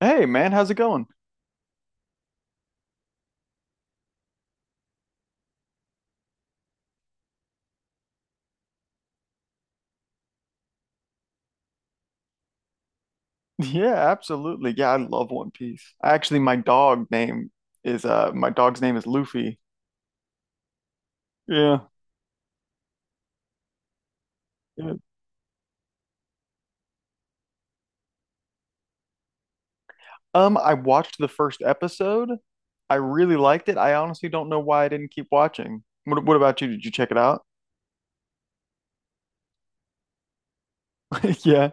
Hey man, how's it going? Yeah, absolutely. Yeah, I love One Piece. Actually, my dog's name is Luffy. Yeah. Yeah. I watched the first episode. I really liked it. I honestly don't know why I didn't keep watching. What about you? Did you check it out? Yeah.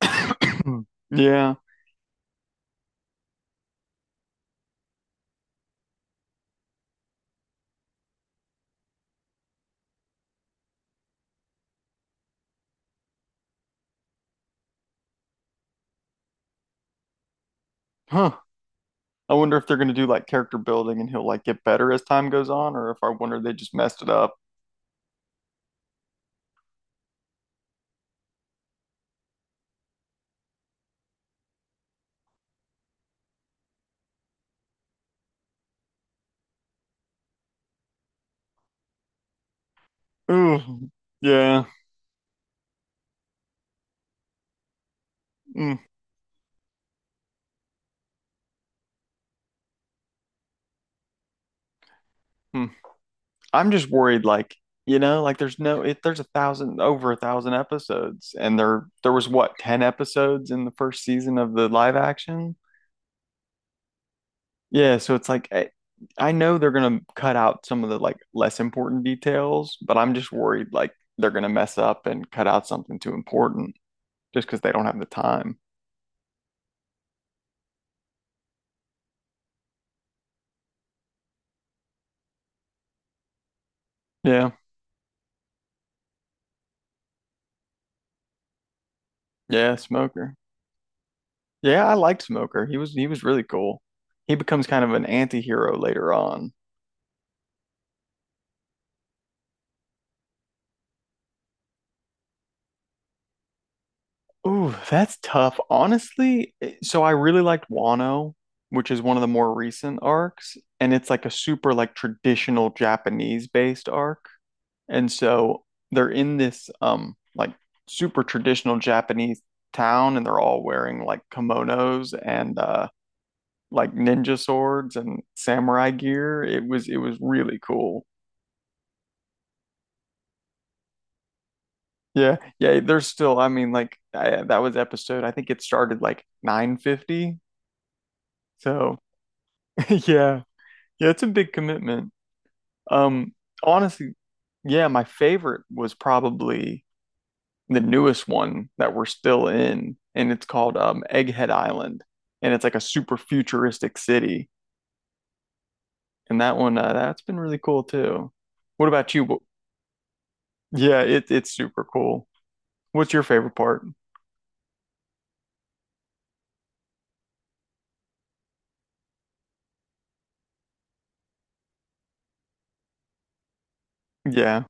Yeah. Huh. I wonder if they're gonna do like character building and he'll like get better as time goes on, or if I wonder they just messed it up. Ooh. Yeah. Mm-hmm. I'm just worried, like, you know, like there's no, if there's a thousand, over a thousand episodes, and there was what, 10 episodes in the first season of the live action? Yeah. So it's like, I know they're going to cut out some of the like less important details, but I'm just worried, like, they're going to mess up and cut out something too important just because they don't have the time. Yeah. Yeah. Smoker. Yeah. I liked Smoker. He was really cool. He becomes kind of an anti-hero later on. Ooh, that's tough. Honestly, so I really liked Wano, which is one of the more recent arcs, and it's like a super like traditional Japanese based arc. And so they're in this like super traditional Japanese town and they're all wearing like kimonos and like ninja swords and samurai gear. It was really cool. Yeah, yeah, there's still, I mean, like I, that was episode, I think it started like 950. So, yeah. Yeah, it's a big commitment. Um, honestly, yeah, my favorite was probably the newest one that we're still in, and it's called Egghead Island, and it's like a super futuristic city. And that one, that's been really cool too. What about you? Yeah, it's super cool. What's your favorite part? Yeah,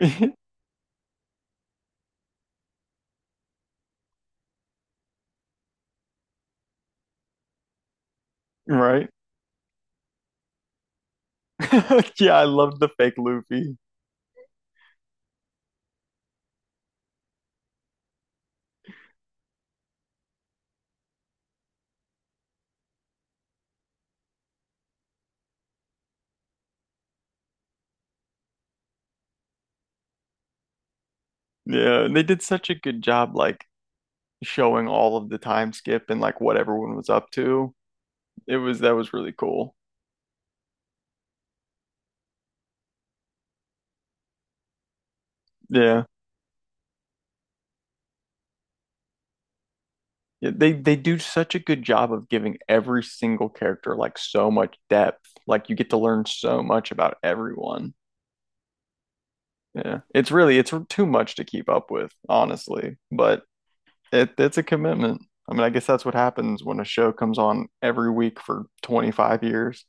right. Yeah, I loved the fake Luffy. Yeah, they did such a good job, like showing all of the time skip and like what everyone was up to. It was that was really cool. Yeah. Yeah, they do such a good job of giving every single character like so much depth. Like you get to learn so much about everyone. Yeah. It's too much to keep up with, honestly, but it's a commitment. I mean, I guess that's what happens when a show comes on every week for 25 years.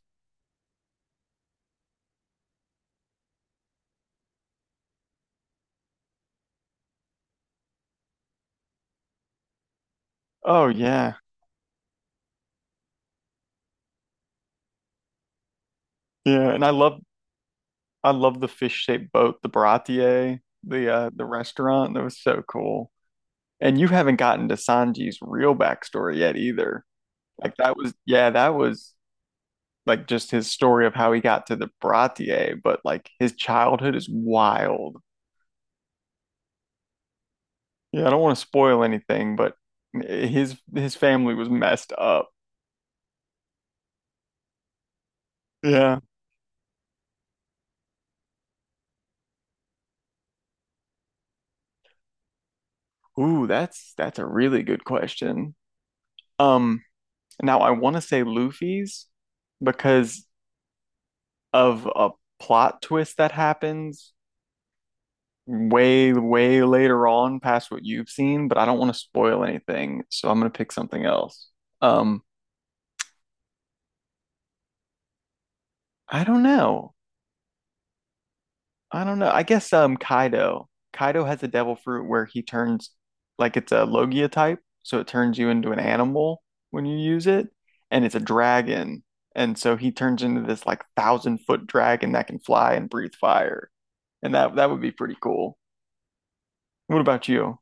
Oh yeah. Yeah, and I love the fish-shaped boat, the Baratier, the restaurant. That was so cool. And you haven't gotten to Sanji's real backstory yet either. Like that was, yeah, that was like just his story of how he got to the Bratier, but like his childhood is wild. Yeah, I don't want to spoil anything, but his family was messed up. Yeah. Ooh, that's a really good question. Um, now I want to say Luffy's because of a plot twist that happens way, way later on past what you've seen, but I don't want to spoil anything, so I'm gonna pick something else. Um, I don't know. I don't know. I guess Kaido. Kaido has a devil fruit where he turns like it's a Logia type, so it turns you into an animal when you use it, and it's a dragon. And so he turns into this like thousand foot dragon that can fly and breathe fire. And that would be pretty cool. What about you?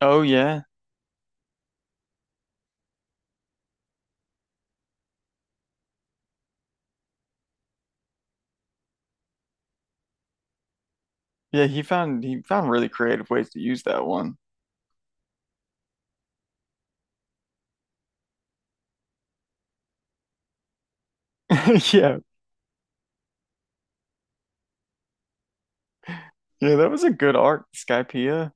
Oh yeah. Yeah, he found really creative ways to use that one. Yeah, yeah, that was a good arc, Skypiea.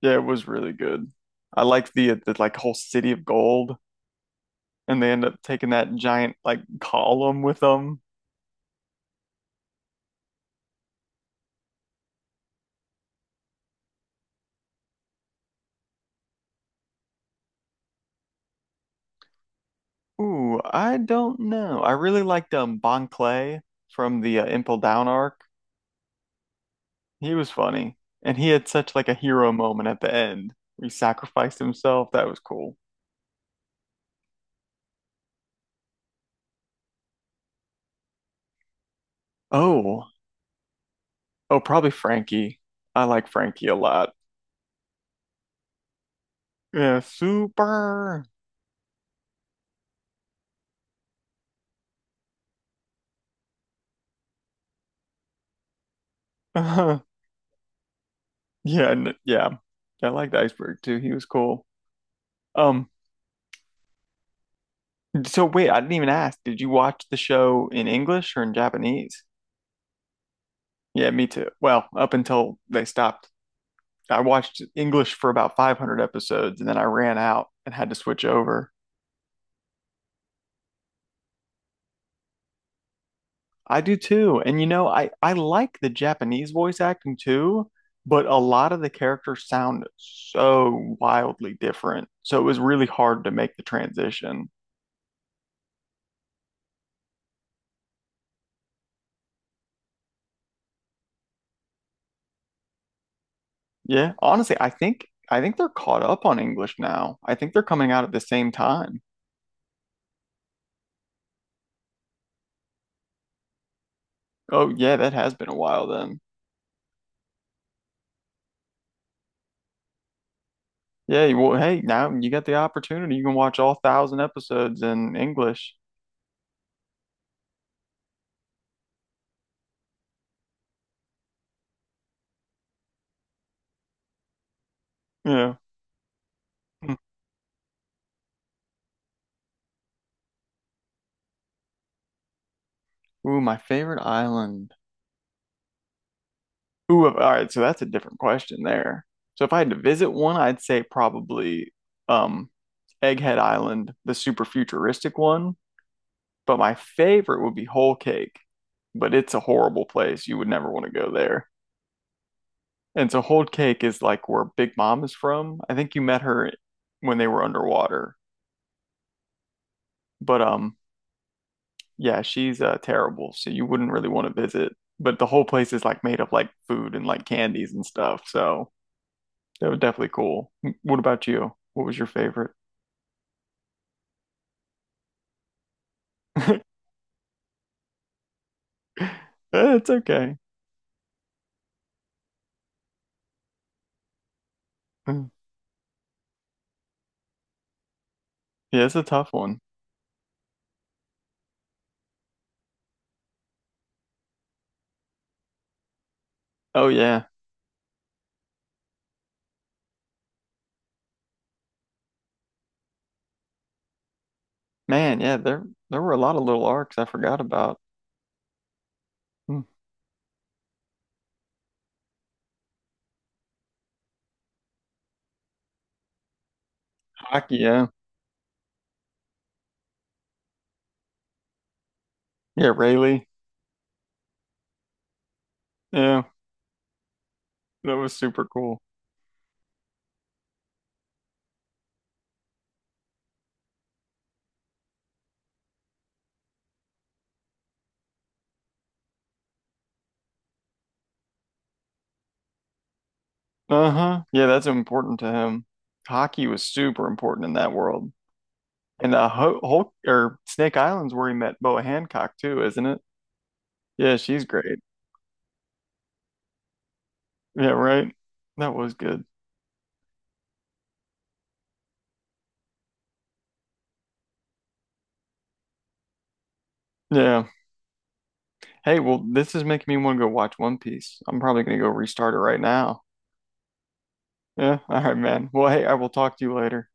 Yeah, it was really good. I like the like whole city of gold, and they end up taking that giant like column with them. Ooh, I don't know. I really liked Bon Clay from the Impel Down arc. He was funny, and he had such like a hero moment at the end, where He sacrificed himself. That was cool. Oh, oh, probably Frankie. I like Frankie a lot. Yeah, super. Yeah, and yeah. I liked Iceberg too. He was cool. Um, so wait, I didn't even ask. Did you watch the show in English or in Japanese? Yeah, me too. Well, up until they stopped. I watched English for about 500 episodes and then I ran out and had to switch over. I do too. And you know, I like the Japanese voice acting too, but a lot of the characters sound so wildly different. So it was really hard to make the transition. Yeah, honestly, I think they're caught up on English now. I think they're coming out at the same time. Oh yeah, that has been a while then. Yeah, well, hey, now you got the opportunity. You can watch all thousand episodes in English. Yeah. Hmm. Ooh, my favorite island. Ooh, all right, so that's a different question there. So if I had to visit one, I'd say probably um Egghead Island, the super futuristic one. But my favorite would be Whole Cake, but it's a horrible place. You would never want to go there. And so Hold Cake is like where Big Mom is from. I think you met her when they were underwater. But yeah, she's terrible, so you wouldn't really want to visit. But the whole place is like made of like food and like candies and stuff. So that was definitely cool. What about you? What was your favorite? Eh, it's okay. Mm. Yeah, it's a tough one. Oh yeah. Man, yeah, there were a lot of little arcs I forgot about. Mm. Hockey, yeah. Yeah, Rayleigh. Yeah, that was super cool. Uh-huh. Yeah, that's important to him. Hockey was super important in that world. And Ho Hulk or Snake Island's where he met Boa Hancock too, isn't it? Yeah, she's great. Yeah, right. That was good. Yeah. Hey, well, this is making me want to go watch One Piece. I'm probably gonna go restart it right now. Yeah. All right, man. Well, hey, I will talk to you later.